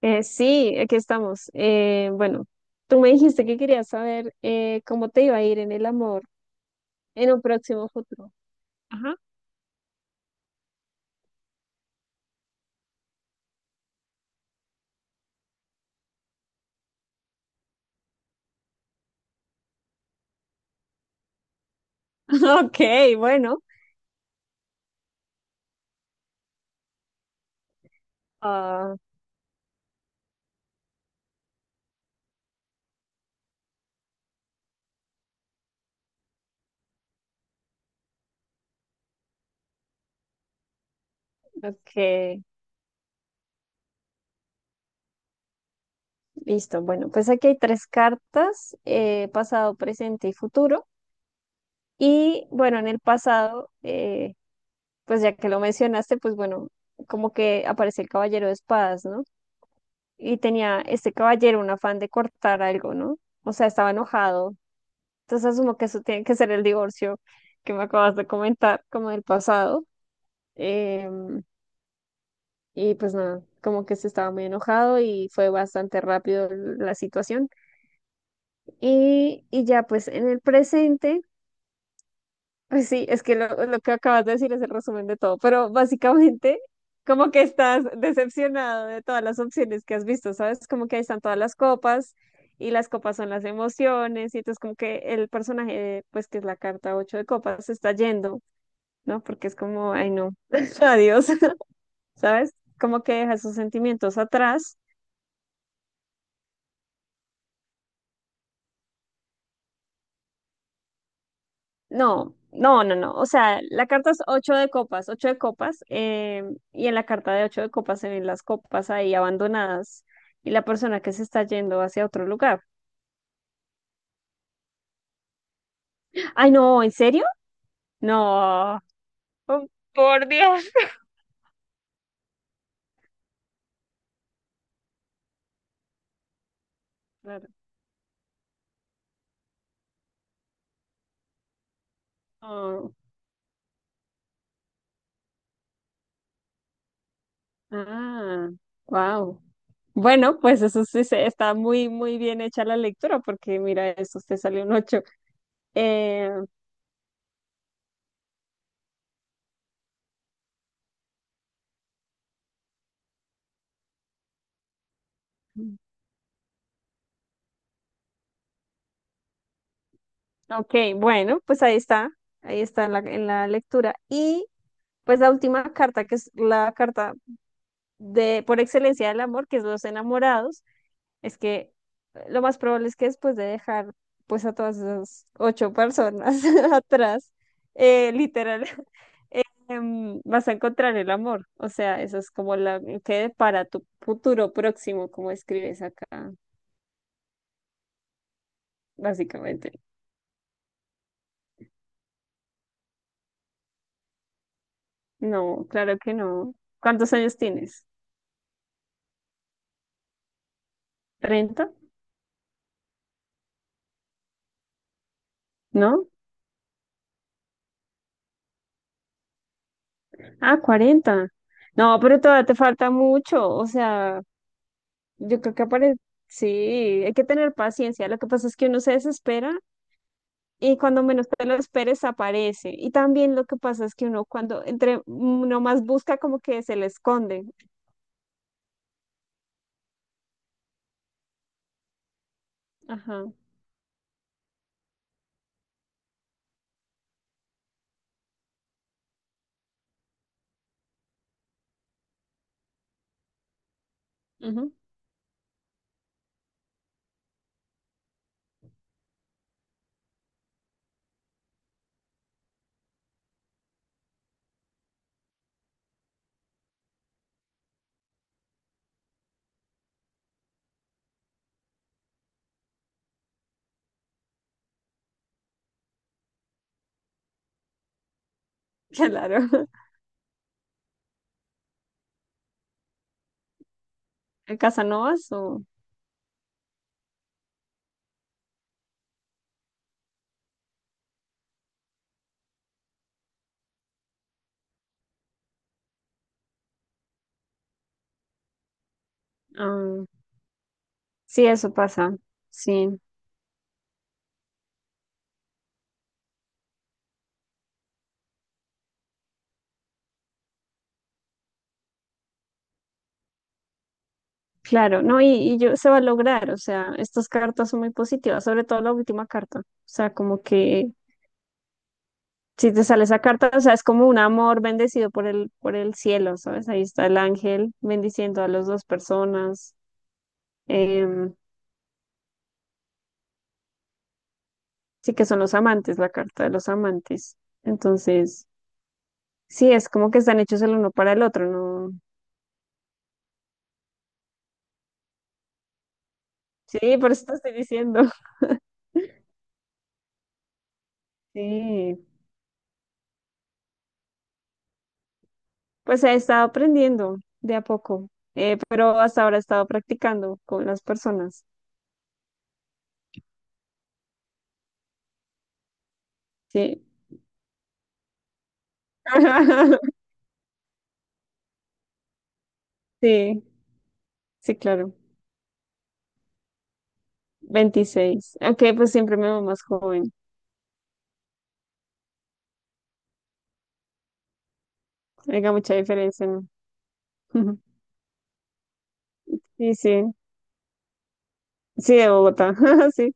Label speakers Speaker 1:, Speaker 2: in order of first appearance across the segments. Speaker 1: Sí, aquí estamos. Bueno, tú me dijiste que querías saber cómo te iba a ir en el amor en un próximo futuro. Ajá. Ok, bueno. Ah, ok, listo. Bueno, pues aquí hay tres cartas, pasado, presente y futuro. Y bueno, en el pasado, pues ya que lo mencionaste, pues bueno, como que aparece el caballero de espadas, ¿no? Y tenía este caballero un afán de cortar algo, ¿no? O sea, estaba enojado. Entonces asumo que eso tiene que ser el divorcio que me acabas de comentar, como del pasado. Em, y pues nada, como que se estaba muy enojado y fue bastante rápido la situación. Y ya pues en el presente, pues sí, es que lo que acabas de decir es el resumen de todo, pero básicamente como que estás decepcionado de todas las opciones que has visto, ¿sabes? Como que ahí están todas las copas. Y las copas son las emociones, y entonces como que el personaje, pues que es la carta ocho de copas, se está yendo, ¿no? Porque es como, ay, no, adiós, ¿sabes? Como que deja esos sentimientos atrás. No, no, no, no. O sea, la carta es ocho de copas, y en la carta de ocho de copas se ven las copas ahí abandonadas y la persona que se está yendo hacia otro lugar. Ay, no, ¿en serio? No. Oh, por Dios. Claro. Oh. Ah, wow. Bueno, pues eso sí está muy, muy bien hecha la lectura, porque mira, eso te salió un 8. Eh, Mm. Ok, bueno, pues ahí está en la lectura. Y pues la última carta, que es la carta de por excelencia del amor, que es los enamorados, es que lo más probable es que después de dejar pues a todas esas 8 personas atrás, literal, vas a encontrar el amor. O sea, eso es como la que para tu futuro próximo, como escribes acá, básicamente. No, claro que no. ¿Cuántos años tienes? 30, ¿no? Ah, 40. No, pero todavía te falta mucho. O sea, yo creo que aparece. Sí, hay que tener paciencia. Lo que pasa es que uno se desespera y cuando menos te lo esperes aparece. Y también lo que pasa es que uno cuando entre uno más busca como que se le esconde. Ajá. Ujú. Claro. ¿En Casanovas o? Ah, sí, eso pasa. Sí. Claro, no, y yo se va a lograr, o sea, estas cartas son muy positivas, sobre todo la última carta, o sea, como que si te sale esa carta, o sea, es como un amor bendecido por el cielo, ¿sabes? Ahí está el ángel bendiciendo a las dos personas. Em, sí que son los amantes, la carta de los amantes. Entonces, sí, es como que están hechos el uno para el otro, ¿no? Sí, por eso te estoy diciendo. Sí, pues he estado aprendiendo de a poco, pero hasta ahora he estado practicando con las personas. Sí. Sí, sí, claro. 26. Ok, pues siempre me veo más joven. Haga mucha diferencia, ¿no? Sí, sí, sí, de Bogotá, sí.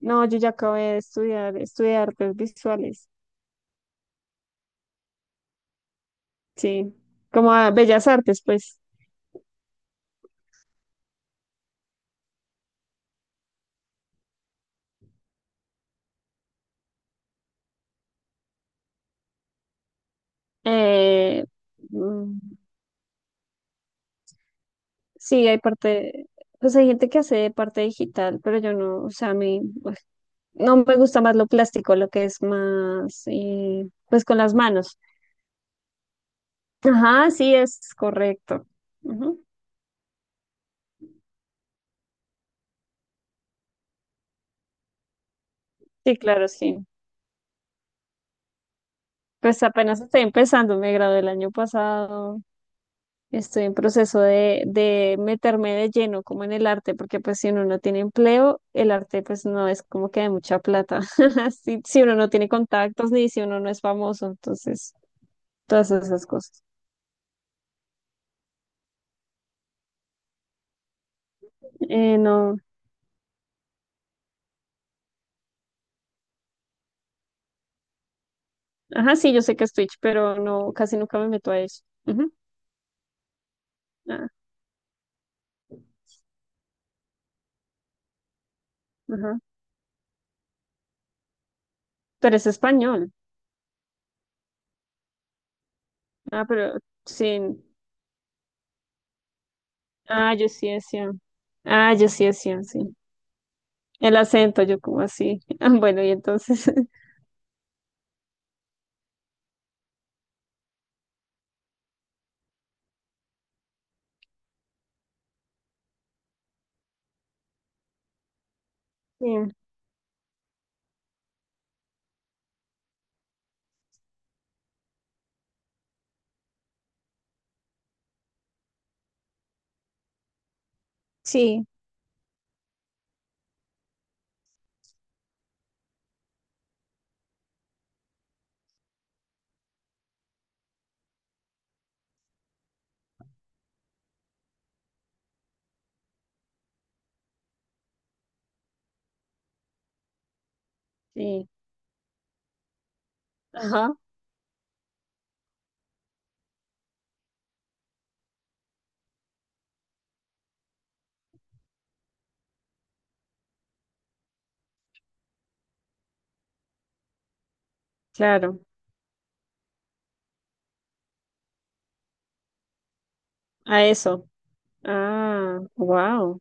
Speaker 1: No, yo ya acabé de estudiar, estudié artes visuales, sí, como a bellas artes, pues. Eh, mm, sí, hay parte, pues hay gente que hace parte digital, pero yo no, o sea, a mí, pues, no me gusta más lo plástico, lo que es más, pues con las manos. Ajá, sí, es correcto. Ujú. Sí, claro, sí. Pues apenas estoy empezando, me gradué el año pasado. Estoy en proceso de meterme de lleno como en el arte, porque pues si uno no tiene empleo, el arte pues no es como que de mucha plata, si, si uno no tiene contactos ni si uno no es famoso, entonces todas esas cosas. No, ajá, sí, yo sé que es Twitch, pero no, casi nunca me meto a eso. Ujú, ah, ajá. Pero es español. Ah, pero sí. Ah, yo sí decía. Ah, yo sí decía, sí. El acento, yo como así. Ah, bueno, y entonces. Sí, sí, sí. Ajá. Claro, a eso. Ah, wow.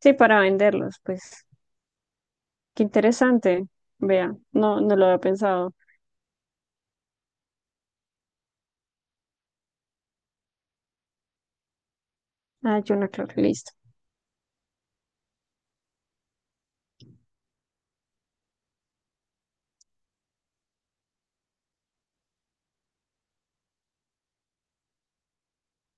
Speaker 1: Sí, para venderlos, pues. Qué interesante. Vea, no, no lo había pensado. Ah, yo no, claro, listo.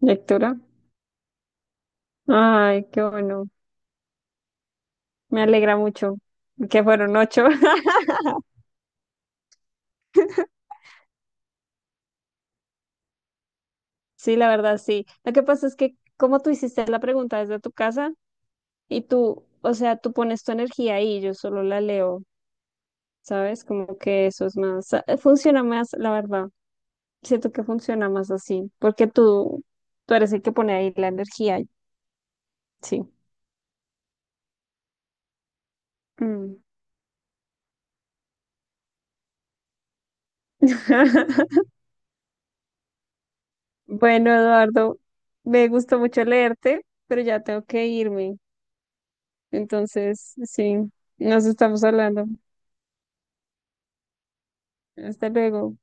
Speaker 1: Lectura. Ay, qué bueno. Me alegra mucho que fueron 8. Sí, la verdad, sí. Lo que pasa es que como tú hiciste la pregunta desde tu casa y tú, o sea, tú pones tu energía ahí, yo solo la leo, ¿sabes? Como que eso es más, funciona más, la verdad. Siento que funciona más así, porque tú eres el que pone ahí la energía. Sí. Mm. Bueno, Eduardo, me gustó mucho leerte, pero ya tengo que irme. Entonces, sí, nos estamos hablando. Hasta luego.